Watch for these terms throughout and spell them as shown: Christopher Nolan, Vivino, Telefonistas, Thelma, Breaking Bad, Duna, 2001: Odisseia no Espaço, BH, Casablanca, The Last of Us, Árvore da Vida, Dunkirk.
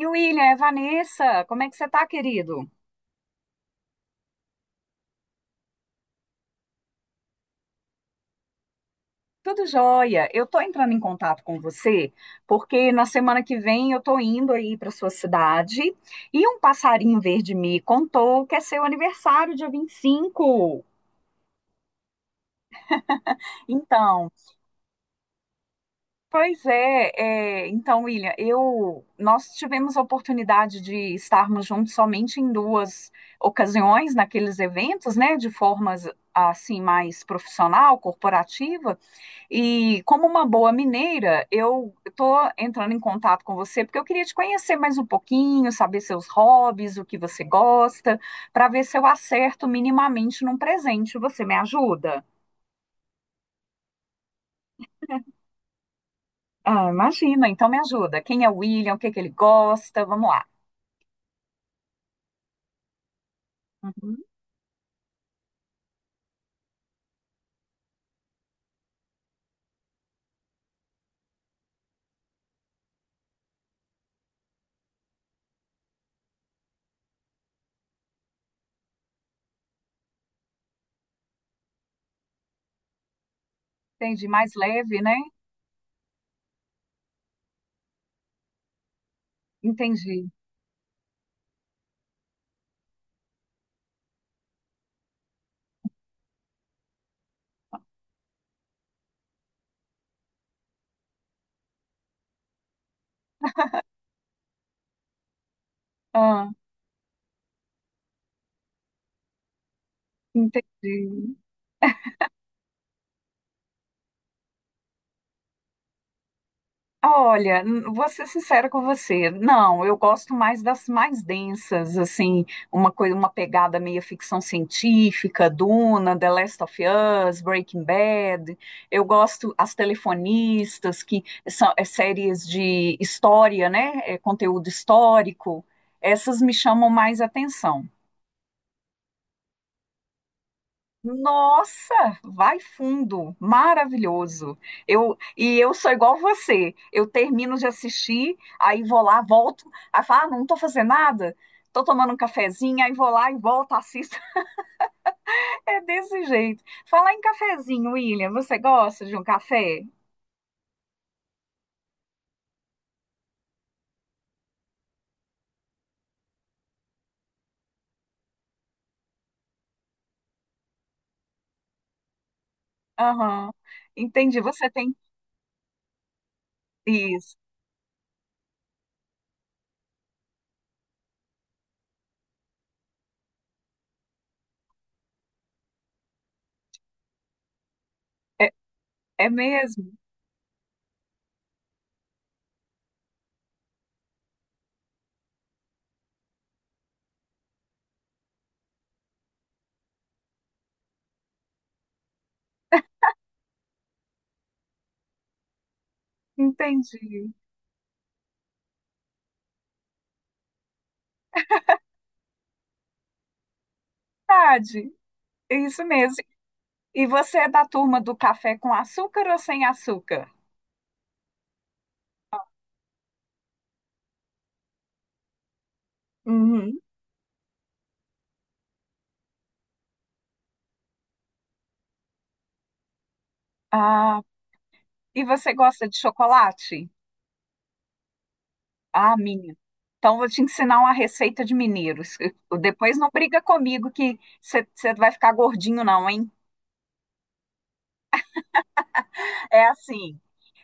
E William, é Vanessa, como é que você tá, querido? Tudo jóia. Eu tô entrando em contato com você porque na semana que vem eu tô indo aí para sua cidade e um passarinho verde me contou que é seu aniversário, dia 25. Então, pois é, então, William, eu nós tivemos a oportunidade de estarmos juntos somente em duas ocasiões naqueles eventos, né, de formas assim mais profissional, corporativa. E como uma boa mineira, eu estou entrando em contato com você porque eu queria te conhecer mais um pouquinho, saber seus hobbies, o que você gosta, para ver se eu acerto minimamente num presente. Você me ajuda? Ah, imagina, então me ajuda. Quem é o William? O que é que ele gosta? Vamos lá. Uhum, entendi, mais leve, né? Entendi. Ah, entendi. Olha, vou ser sincera com você. Não, eu gosto mais das mais densas, assim, uma coisa, uma pegada meio ficção científica, Duna, The Last of Us, Breaking Bad. Eu gosto as telefonistas, que são é, séries de história, né? É, conteúdo histórico. Essas me chamam mais atenção. Nossa, vai fundo, maravilhoso. Eu sou igual você. Eu termino de assistir, aí vou lá, volto, aí falo, ah, não tô fazendo nada, tô tomando um cafezinho, aí vou lá e volto, assisto. É desse jeito. Falar em cafezinho, William, você gosta de um café? Aham. Entendi, você tem isso. É, é mesmo? Entendi. Verdade. É isso mesmo. E você é da turma do café com açúcar ou sem açúcar? Uhum. Ah, e você gosta de chocolate? Ah, minha. Então vou te ensinar uma receita de mineiros. Depois não briga comigo que você vai ficar gordinho não, hein? É assim,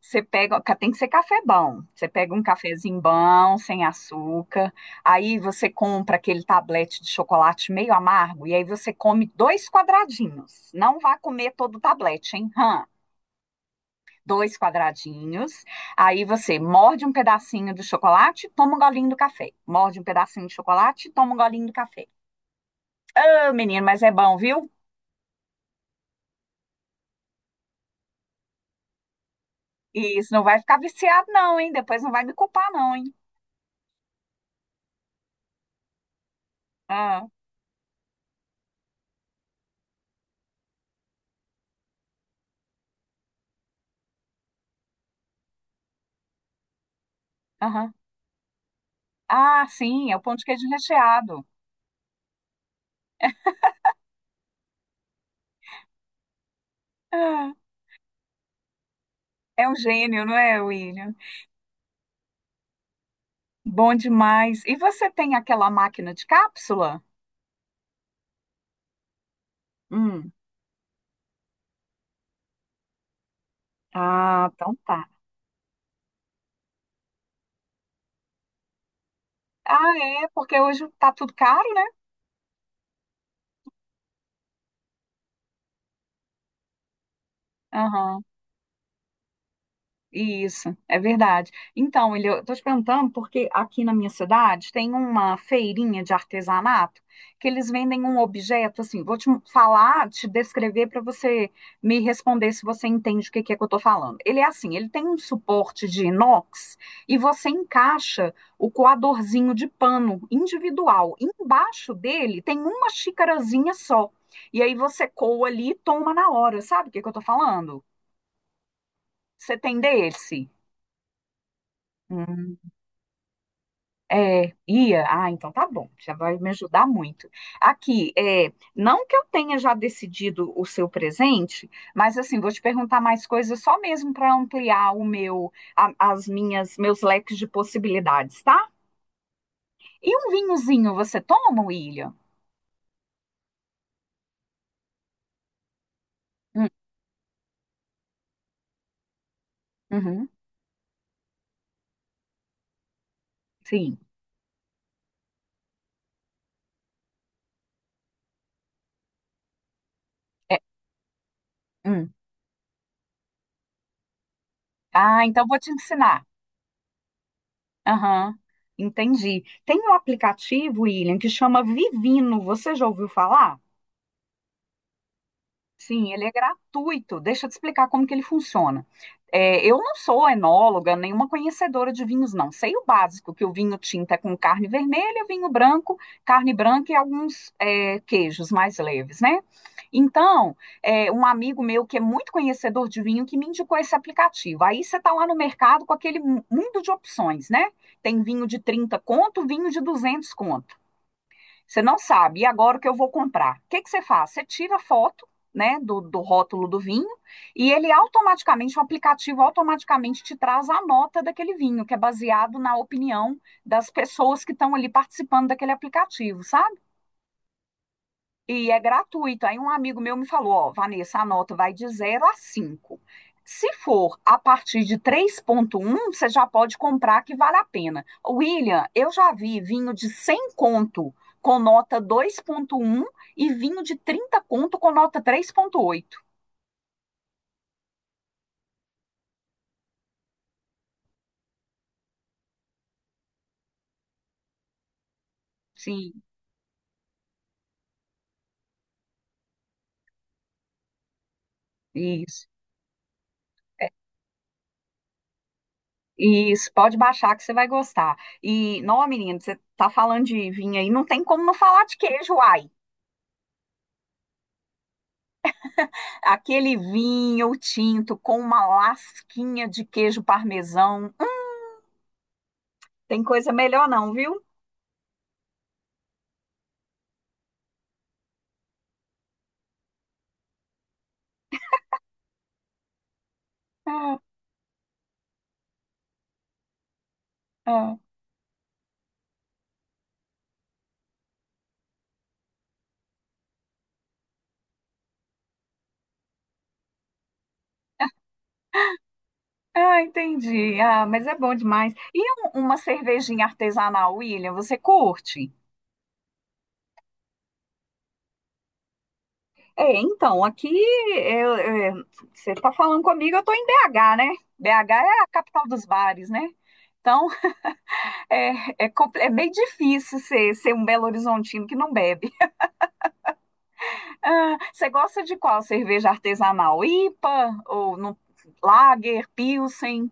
você pega, tem que ser café bom. Você pega um cafezinho bom, sem açúcar. Aí você compra aquele tablete de chocolate meio amargo e aí você come dois quadradinhos. Não vá comer todo o tablete, hein? Hã? Dois quadradinhos. Aí você morde um pedacinho do chocolate, toma um golinho do café. Morde um pedacinho de chocolate, toma um golinho do café. Ô, menino, mas é bom, viu? E isso não vai ficar viciado, não, hein? Depois não vai me culpar, não, hein? Ah, aham. Ah, sim, é o pão de queijo recheado. Ah, é um gênio, não é, William? Bom demais. E você tem aquela máquina de cápsula? Hum. Ah, então tá. Ah, é, porque hoje tá tudo caro, né? Aham. Isso, é verdade. Então, ele, eu tô te perguntando porque aqui na minha cidade tem uma feirinha de artesanato que eles vendem um objeto assim. Vou te falar, te descrever para você me responder se você entende o que que é que eu tô falando. Ele é assim, ele tem um suporte de inox e você encaixa o coadorzinho de pano individual. Embaixo dele tem uma xicarazinha só. E aí você coa ali e toma na hora. Sabe o que que eu tô falando? Você tem desse? É, ia? Ah, então tá bom, já vai me ajudar muito. Aqui, é, não que eu tenha já decidido o seu presente, mas assim, vou te perguntar mais coisas só mesmo para ampliar o meu, as minhas, meus leques de possibilidades, tá? E um vinhozinho você toma, William? Hum, uhum, sim. É, hum. Ah, então vou te ensinar. Aham, entendi. Tem um aplicativo, William, que chama Vivino, você já ouviu falar? Sim, ele é gratuito. Deixa eu te explicar como que ele funciona. É, eu não sou enóloga, nenhuma conhecedora de vinhos, não. Sei o básico, que o vinho tinto é com carne vermelha, vinho branco, carne branca e alguns é, queijos mais leves, né? Então, é, um amigo meu que é muito conhecedor de vinho que me indicou esse aplicativo. Aí você está lá no mercado com aquele mundo de opções, né? Tem vinho de 30 conto, vinho de 200 conto. Você não sabe, e agora o que eu vou comprar? O que que você faz? Você tira a foto, né, do, do rótulo do vinho e ele automaticamente, o aplicativo automaticamente te traz a nota daquele vinho, que é baseado na opinião das pessoas que estão ali participando daquele aplicativo, sabe? E é gratuito. Aí um amigo meu me falou, ó, Vanessa, a nota vai de 0 a 5. Se for a partir de 3,1, você já pode comprar que vale a pena. William, eu já vi vinho de 100 conto com nota 2,1 e vinho de 30 conto com nota 3,8. Sim, isso. É, isso, pode baixar que você vai gostar. E, não, menino, você tá falando de vinho aí, não tem como não falar de queijo, uai. Aquele vinho tinto com uma lasquinha de queijo parmesão. Tem coisa melhor não, viu? Ah, ah. Ah, entendi. Ah, mas é bom demais. E uma cervejinha artesanal, William, você curte? É, então, aqui eu- eu- você está falando comigo, eu estou em BH, né? BH é a capital dos bares, né? Então, é meio difícil ser, ser um Belo Horizontino que não bebe. Ah, você gosta de qual cerveja artesanal? IPA ou no, Lager, Pilsen?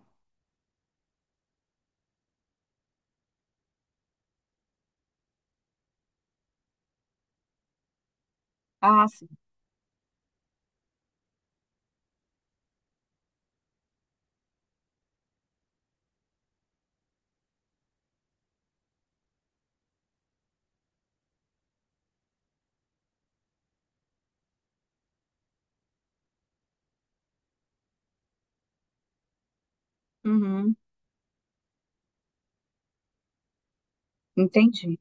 Ah, sim. Uhum, entendi.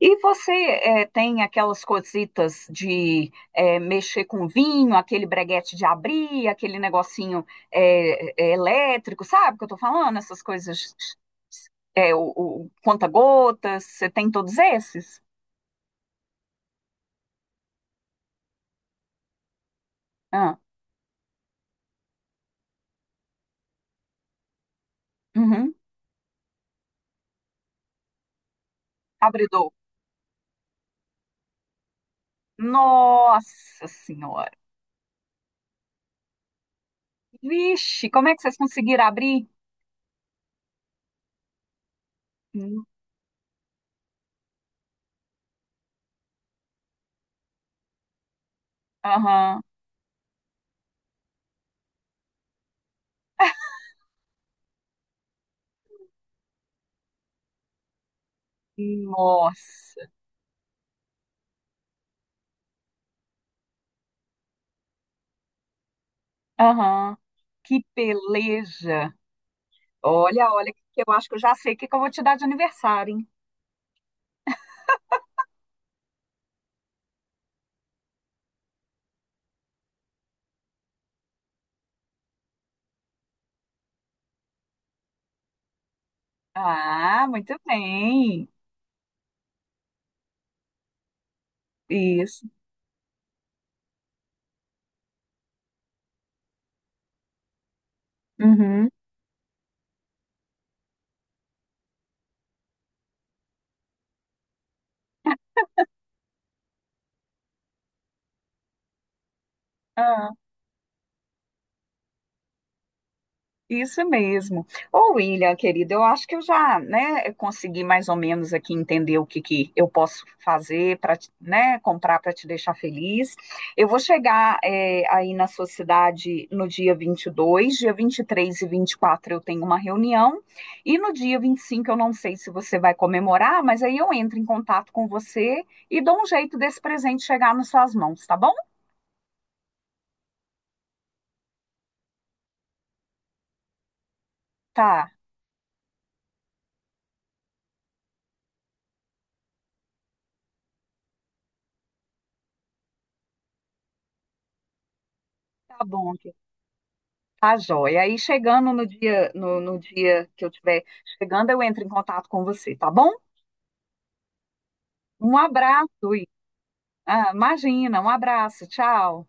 E você tem aquelas cositas de mexer com vinho, aquele breguete de abrir, aquele negocinho elétrico, sabe o que eu tô falando? Essas coisas, eh, o, o conta-gotas, você tem todos esses? Ah, uhum. Abridor. Nossa Senhora! Vixe, como é que vocês conseguiram abrir? Aham. Nossa. Aham. Que peleja. Olha, olha, que eu acho que eu já sei o que que eu vou te dar de aniversário, hein? Ah, muito bem. Isso. Uhum. Isso mesmo. Ô, William, querido, eu acho que eu já, né, consegui mais ou menos aqui entender o que que eu posso fazer para, né, comprar para te deixar feliz. Eu vou chegar, é, aí na sua cidade no dia 22, dia 23 e 24 eu tenho uma reunião, e no dia 25 eu não sei se você vai comemorar, mas aí eu entro em contato com você e dou um jeito desse presente chegar nas suas mãos, tá bom? Tá, tá bom. Tá joia. Aí chegando no dia, no, no dia que eu tiver chegando, eu entro em contato com você, tá bom? Um abraço. Ah, imagina, um abraço. Tchau.